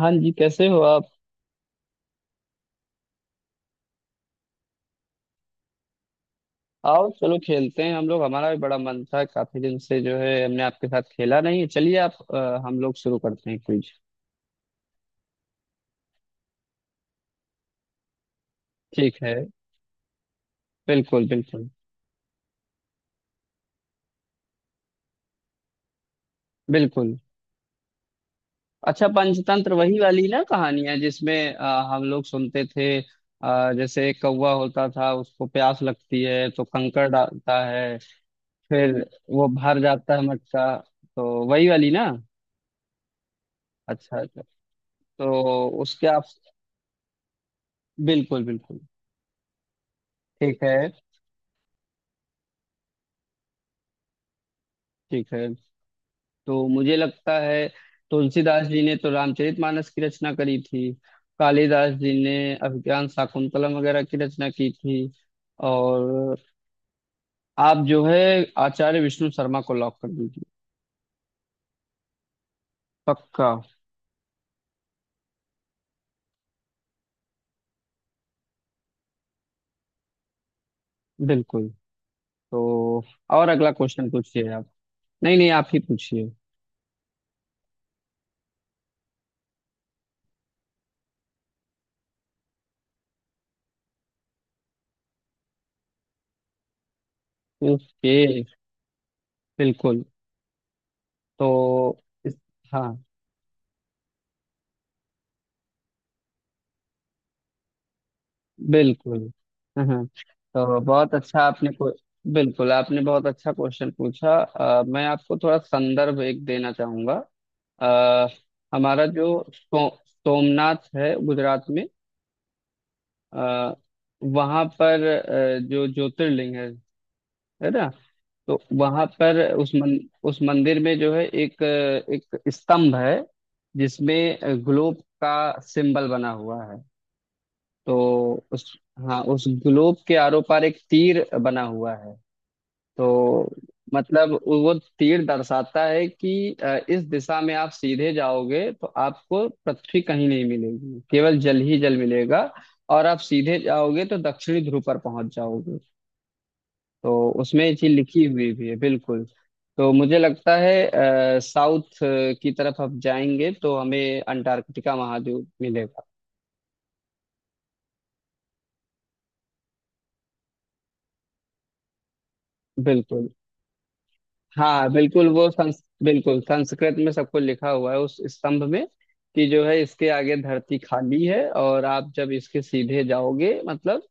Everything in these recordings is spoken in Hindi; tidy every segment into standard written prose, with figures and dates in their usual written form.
हाँ जी, कैसे हो आप? आओ चलो खेलते हैं हम लोग। हमारा भी बड़ा मन था, काफी दिन से जो है हमने आपके साथ खेला नहीं है। चलिए आप हम लोग शुरू करते हैं क्विज। ठीक है। बिल्कुल बिल्कुल बिल्कुल। अच्छा, पंचतंत्र वही वाली ना कहानियां जिसमें हम लोग सुनते थे, जैसे एक कौवा होता था, उसको प्यास लगती है तो कंकड़ डालता है। फिर वो भर जाता है मटका। तो वही वाली ना। अच्छा अच्छा। तो उसके आप। बिल्कुल बिल्कुल। ठीक है। ठीक है। तो मुझे लगता है तुलसीदास जी ने तो रामचरितमानस की रचना करी थी। कालिदास जी ने अभिज्ञान शाकुंतलम वगैरह की रचना की थी। और आप जो है आचार्य विष्णु शर्मा को लॉक कर दीजिए। पक्का। बिल्कुल। तो और अगला क्वेश्चन पूछिए आप। नहीं नहीं, आप ही पूछिए। ओके। बिल्कुल। तो इस- हाँ बिल्कुल। हम्म हम्म। तो बहुत अच्छा आपने को। बिल्कुल, आपने बहुत अच्छा क्वेश्चन पूछा। मैं आपको थोड़ा संदर्भ एक देना चाहूंगा। आ, हमारा जो सोमनाथ है गुजरात में। आ, वहाँ पर जो ज्योतिर्लिंग है ना। तो वहाँ पर उस उस मंदिर में जो है एक स्तंभ है जिसमें ग्लोब का सिंबल बना हुआ है। तो उस हाँ, उस ग्लोब के आरो पार एक तीर बना हुआ है। तो मतलब वो तीर दर्शाता है कि इस दिशा में आप सीधे जाओगे तो आपको पृथ्वी कहीं नहीं मिलेगी, केवल जल ही जल मिलेगा। और आप सीधे जाओगे तो दक्षिणी ध्रुव पर पहुंच जाओगे। तो उसमें ये चीज लिखी हुई भी है बिल्कुल। तो मुझे लगता है साउथ की तरफ हम जाएंगे तो हमें अंटार्कटिका महाद्वीप मिलेगा। बिल्कुल। हाँ बिल्कुल, वो संस बिल्कुल संस्कृत में सबको लिखा हुआ है उस स्तंभ में। कि जो है इसके आगे धरती खाली है, और आप जब इसके सीधे जाओगे मतलब,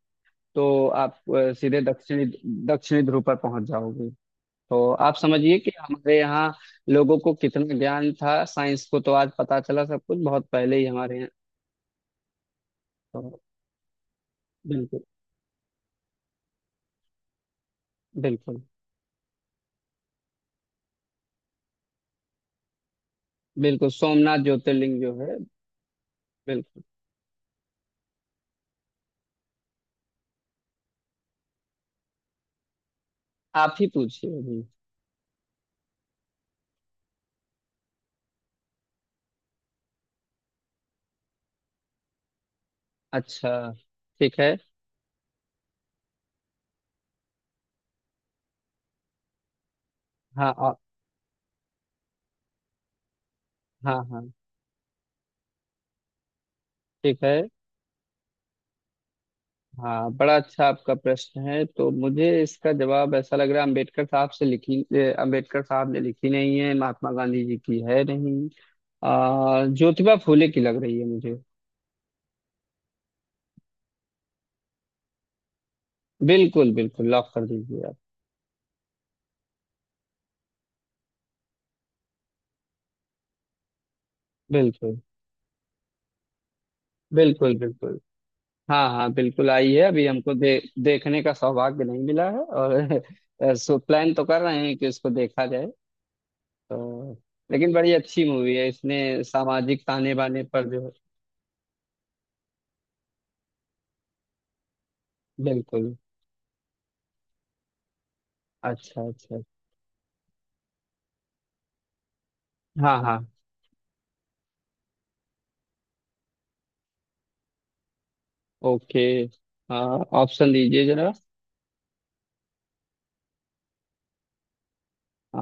तो आप सीधे दक्षिणी दक्षिणी ध्रुव पर पहुंच जाओगे। तो आप समझिए कि हमारे यहाँ लोगों को कितना ज्ञान था, साइंस को तो आज पता चला, सब कुछ बहुत पहले ही हमारे यहाँ। तो बिल्कुल बिल्कुल बिल्कुल, सोमनाथ ज्योतिर्लिंग जो है। बिल्कुल। आप ही पूछिए अभी। अच्छा, ठीक है। हाँ हाँ हाँ। ठीक है। हाँ, बड़ा अच्छा आपका प्रश्न है। तो मुझे इसका जवाब ऐसा लग रहा है, अंबेडकर साहब से लिखी, अंबेडकर साहब ने लिखी नहीं है, महात्मा गांधी जी की है नहीं। ज्योतिबा फूले की लग रही है मुझे। बिल्कुल बिल्कुल, लॉक कर दीजिए आप। बिल्कुल बिल्कुल बिल्कुल। हाँ हाँ, बिल्कुल आई है। अभी हमको देखने का सौभाग्य नहीं मिला है, और सो प्लान तो कर रहे हैं कि उसको देखा जाए। तो लेकिन बड़ी अच्छी मूवी है, इसने सामाजिक ताने बाने पर जो। बिल्कुल। अच्छा अच्छा। हाँ हाँ। ओके। ऑप्शन दीजिए जरा। आ,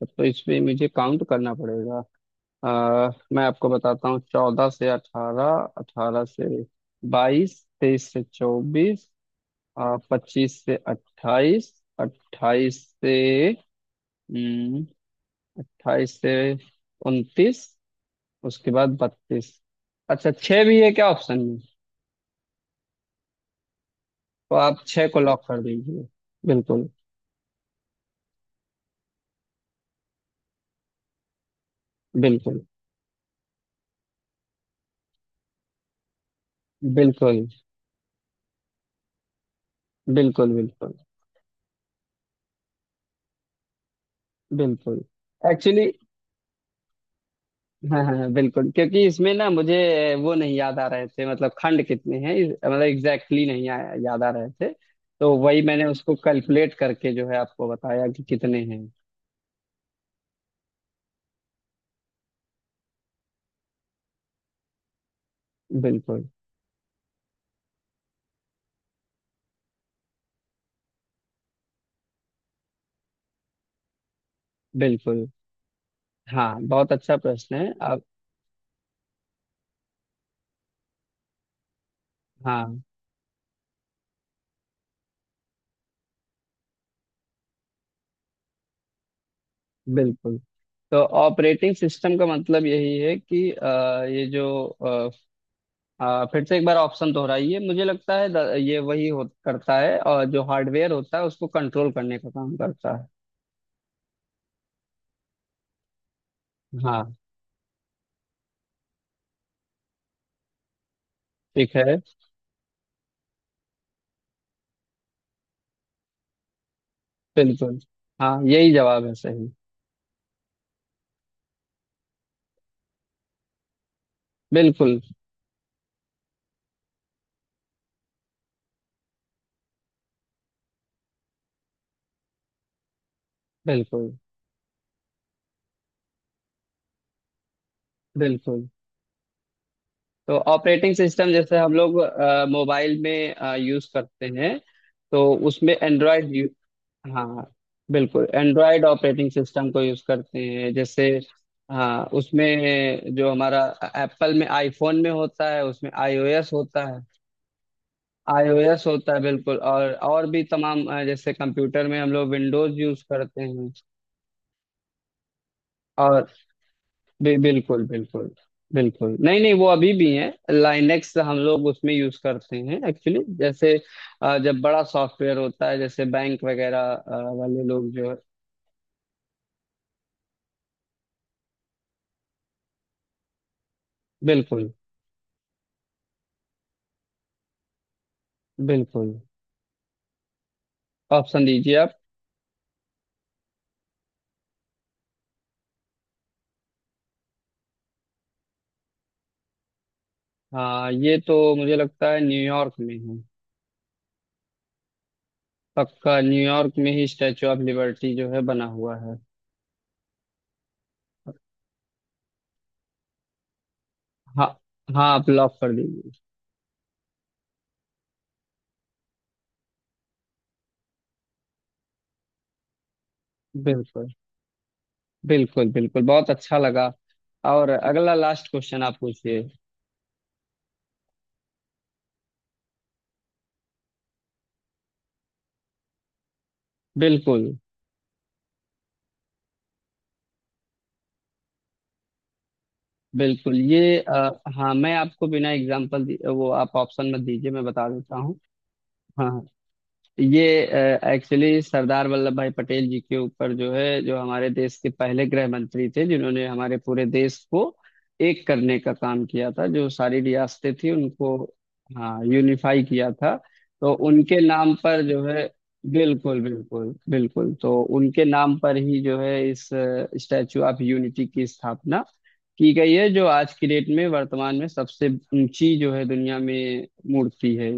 तब तो इसमें मुझे काउंट करना पड़ेगा। मैं आपको बताता हूँ, 14 से 18, 18 से 22, 23 से 24, 25 से 28, अट्ठाईस से हम्म, 28 से 29, उसके बाद 32। अच्छा, छः भी है क्या ऑप्शन में? तो आप छः को लॉक कर दीजिए। बिल्कुल बिल्कुल बिल्कुल बिल्कुल बिल्कुल बिल्कुल। एक्चुअली, हाँ हाँ हाँ, बिल्कुल क्योंकि इसमें ना मुझे वो नहीं याद आ रहे थे, मतलब खंड कितने हैं, मतलब एग्जैक्टली नहीं आया, याद आ रहे थे। तो वही मैंने उसको कैलकुलेट करके जो है आपको बताया कि कितने हैं। बिल्कुल बिल्कुल। हाँ, बहुत अच्छा प्रश्न है आप। हाँ बिल्कुल। तो ऑपरेटिंग सिस्टम का मतलब यही है कि अ, ये जो अ, अ, फिर से एक बार ऑप्शन दोहराइए। मुझे लगता है ये वही हो करता है, और जो हार्डवेयर होता है उसको कंट्रोल करने का काम करता है। हाँ। ठीक है। बिल्कुल। हाँ, यही जवाब है सही। बिल्कुल बिल्कुल बिल्कुल। तो ऑपरेटिंग सिस्टम जैसे हम लोग मोबाइल में यूज करते हैं, तो उसमें एंड्रॉयड। हाँ, बिल्कुल एंड्रॉयड ऑपरेटिंग सिस्टम को यूज करते हैं जैसे। हाँ, उसमें जो हमारा एप्पल में, आईफोन में होता है, उसमें आईओएस होता है। आईओएस होता है, बिल्कुल। और भी तमाम जैसे कंप्यूटर में हम लोग विंडोज यूज करते हैं। और बिल्कुल बिल्कुल। बिल्कुल, नहीं नहीं, वो अभी भी है, लाइनेक्स हम लोग उसमें यूज करते हैं एक्चुअली। जैसे जब बड़ा सॉफ्टवेयर होता है, जैसे बैंक वगैरह, वाले लोग जो है। बिल्कुल बिल्कुल। ऑप्शन दीजिए आप। हाँ, ये तो मुझे लगता है न्यूयॉर्क में है। पक्का, न्यूयॉर्क में ही स्टैचू ऑफ लिबर्टी जो है बना हुआ है। हाँ हाँ, आप लॉक कर दीजिए। बिल्कुल बिल्कुल बिल्कुल, बहुत अच्छा लगा। और अगला लास्ट क्वेश्चन आप पूछिए। बिल्कुल बिल्कुल, हाँ मैं आपको बिना एग्जाम्पल, वो आप ऑप्शन मत दीजिए, मैं बता देता हूँ। हाँ, ये एक्चुअली सरदार वल्लभ भाई पटेल जी के ऊपर जो है, जो हमारे देश के पहले गृह मंत्री थे, जिन्होंने हमारे पूरे देश को एक करने का काम किया था, जो सारी रियासतें थी उनको। हाँ, यूनिफाई किया था। तो उनके नाम पर जो है। बिल्कुल बिल्कुल बिल्कुल। तो उनके नाम पर ही जो है इस स्टैचू ऑफ यूनिटी की स्थापना की गई है, जो आज की डेट में वर्तमान में सबसे ऊंची जो है दुनिया में मूर्ति है।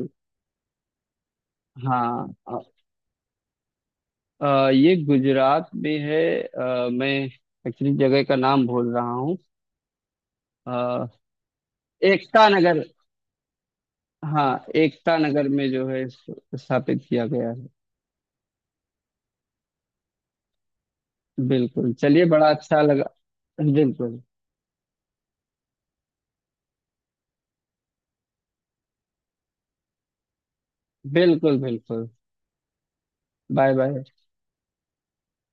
हाँ। ये गुजरात में है। मैं एक्चुअली जगह का नाम भूल रहा हूँ। अ, एकता नगर। हाँ, एकता नगर में जो है स्थापित किया गया है। बिल्कुल, चलिए, बड़ा अच्छा लगा। बिल्कुल बिल्कुल बिल्कुल। Bye bye.